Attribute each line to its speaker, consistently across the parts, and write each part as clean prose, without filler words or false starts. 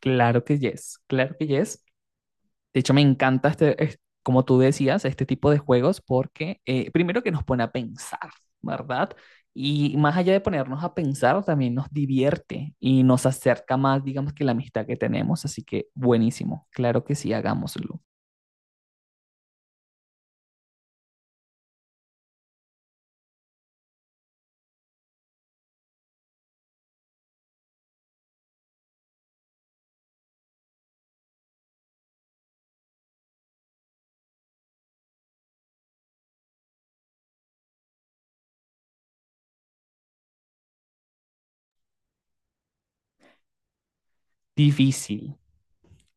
Speaker 1: Claro que yes, claro que yes. De hecho, me encanta como tú decías, este tipo de juegos porque primero que nos pone a pensar, ¿verdad? Y más allá de ponernos a pensar, también nos divierte y nos acerca más, digamos, que la amistad que tenemos. Así que buenísimo, claro que sí, hagámoslo. Difícil,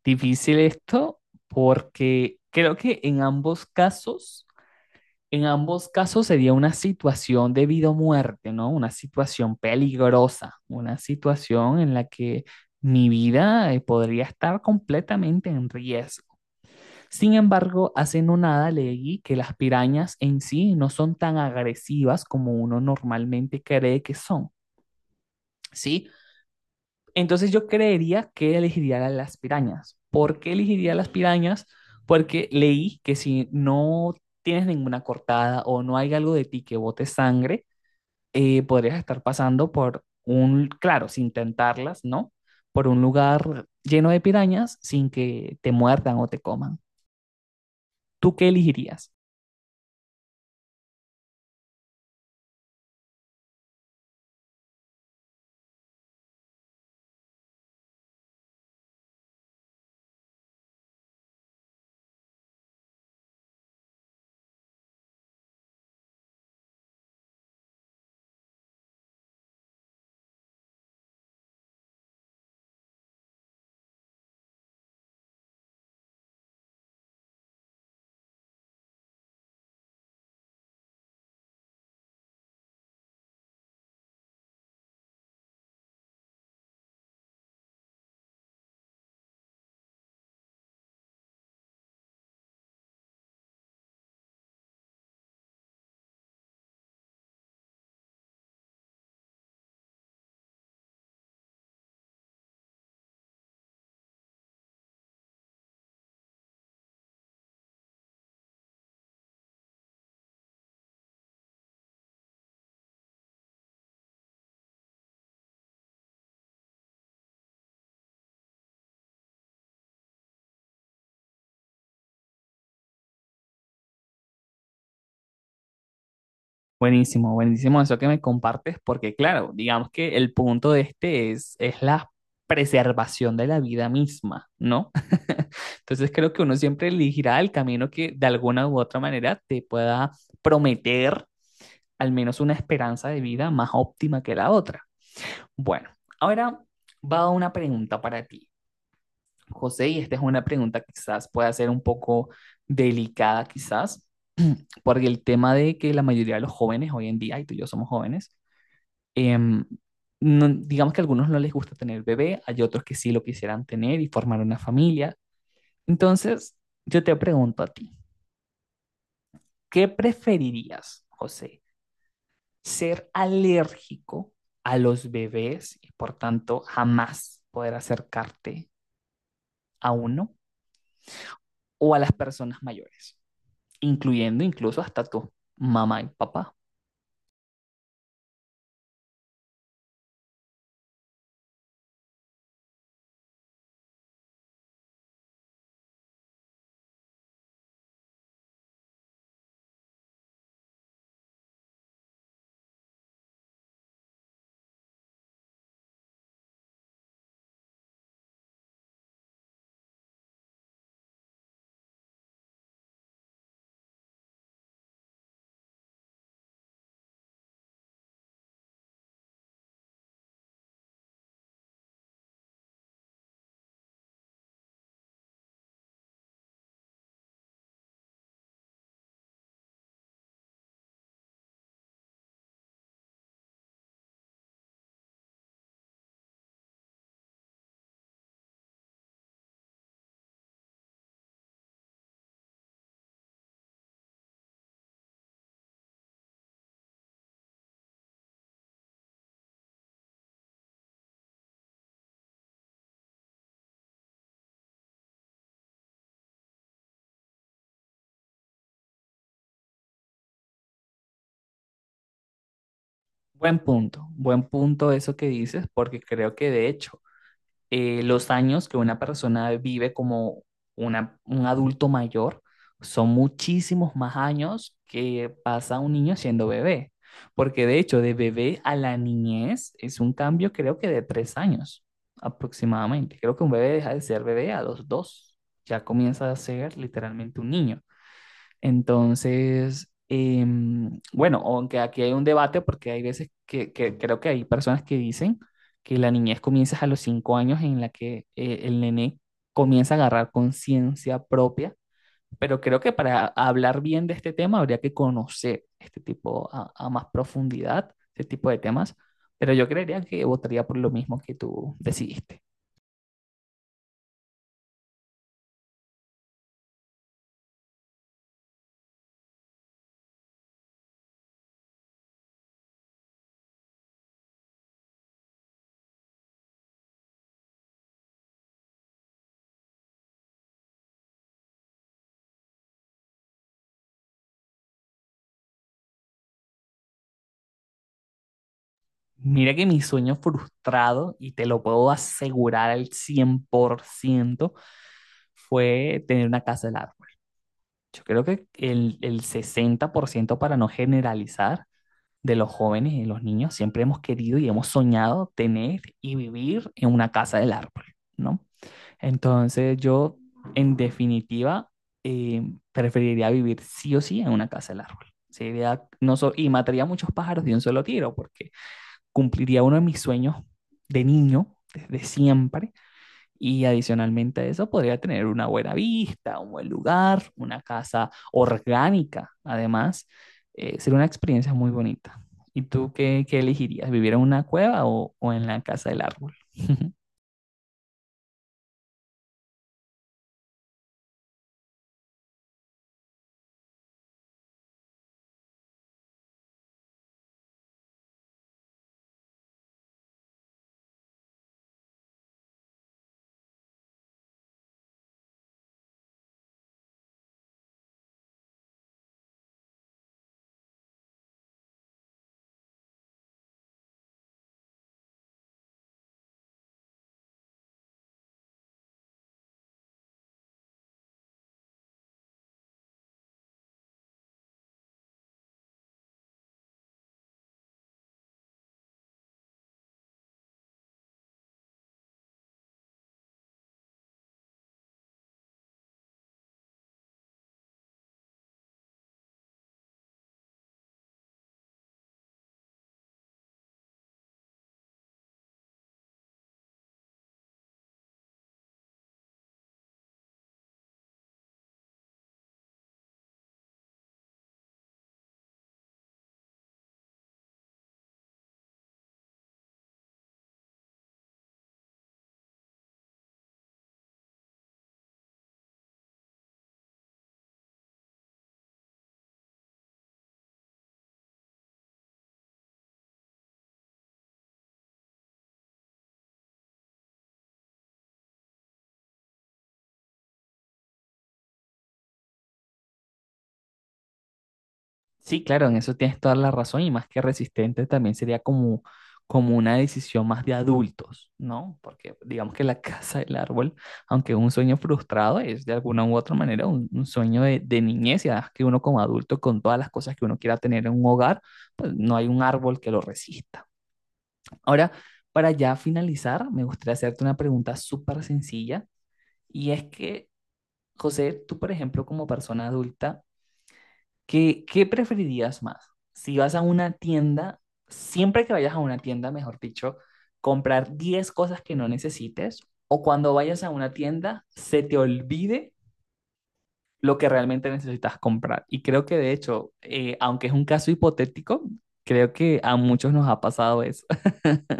Speaker 1: difícil esto porque creo que en ambos casos sería una situación de vida o muerte, ¿no? Una situación peligrosa, una situación en la que mi vida podría estar completamente en riesgo. Sin embargo, hace no nada leí que las pirañas en sí no son tan agresivas como uno normalmente cree que son, ¿sí? Entonces yo creería que elegiría las pirañas. ¿Por qué elegiría las pirañas? Porque leí que si no tienes ninguna cortada o no hay algo de ti que bote sangre, podrías estar pasando por un, claro, sin tentarlas, ¿no? Por un lugar lleno de pirañas sin que te muerdan o te coman. ¿Tú qué elegirías? Buenísimo eso que me compartes, porque claro, digamos que el punto de este es la preservación de la vida misma, ¿no? Entonces creo que uno siempre elegirá el camino que de alguna u otra manera te pueda prometer al menos una esperanza de vida más óptima que la otra. Bueno, ahora va una pregunta para ti. José, y esta es una pregunta que quizás pueda ser un poco delicada, quizás, porque el tema de que la mayoría de los jóvenes hoy en día, y tú y yo somos jóvenes, em, digamos que a algunos no les gusta tener bebé, hay otros que sí lo quisieran tener y formar una familia. Entonces, yo te pregunto a ti, ¿qué preferirías, José? ¿Ser alérgico a los bebés y por tanto jamás poder acercarte a uno o a las personas mayores, incluyendo incluso hasta tu mamá y papá? Buen punto eso que dices, porque creo que de hecho los años que una persona vive como un adulto mayor son muchísimos más años que pasa un niño siendo bebé, porque de hecho de bebé a la niñez es un cambio creo que de 3 años aproximadamente. Creo que un bebé deja de ser bebé a los dos, ya comienza a ser literalmente un niño. Entonces, bueno, aunque aquí hay un debate porque hay veces que creo que hay personas que dicen que la niñez comienza a los 5 años en la que el nené comienza a agarrar conciencia propia, pero creo que para hablar bien de este tema habría que conocer este tipo a más profundidad, este tipo de temas, pero yo creería que votaría por lo mismo que tú decidiste. Mira que mi sueño frustrado, y te lo puedo asegurar al 100%, fue tener una casa del árbol. Yo creo que el 60%, para no generalizar, de los jóvenes y de los niños siempre hemos querido y hemos soñado tener y vivir en una casa del árbol, ¿no? Entonces yo, en definitiva, eh, preferiría vivir sí o sí en una casa del árbol. Sería, no so- y mataría muchos pájaros de un solo tiro porque cumpliría uno de mis sueños de niño, desde siempre, y adicionalmente a eso, podría tener una buena vista, un buen lugar, una casa orgánica, además. Sería una experiencia muy bonita. ¿Y tú qué elegirías? ¿Vivir en una cueva o en la casa del árbol? Sí, claro, en eso tienes toda la razón y más que resistente también sería como, como una decisión más de adultos, ¿no? Porque digamos que la casa del árbol, aunque es un sueño frustrado, es de alguna u otra manera un sueño de niñez y además que uno como adulto con todas las cosas que uno quiera tener en un hogar, pues no hay un árbol que lo resista. Ahora, para ya finalizar, me gustaría hacerte una pregunta súper sencilla y es que, José, tú por ejemplo como persona adulta, ¿qué, qué preferirías más? Si vas a una tienda, siempre que vayas a una tienda, mejor dicho, comprar 10 cosas que no necesites o cuando vayas a una tienda se te olvide lo que realmente necesitas comprar. Y creo que de hecho, aunque es un caso hipotético, creo que a muchos nos ha pasado eso.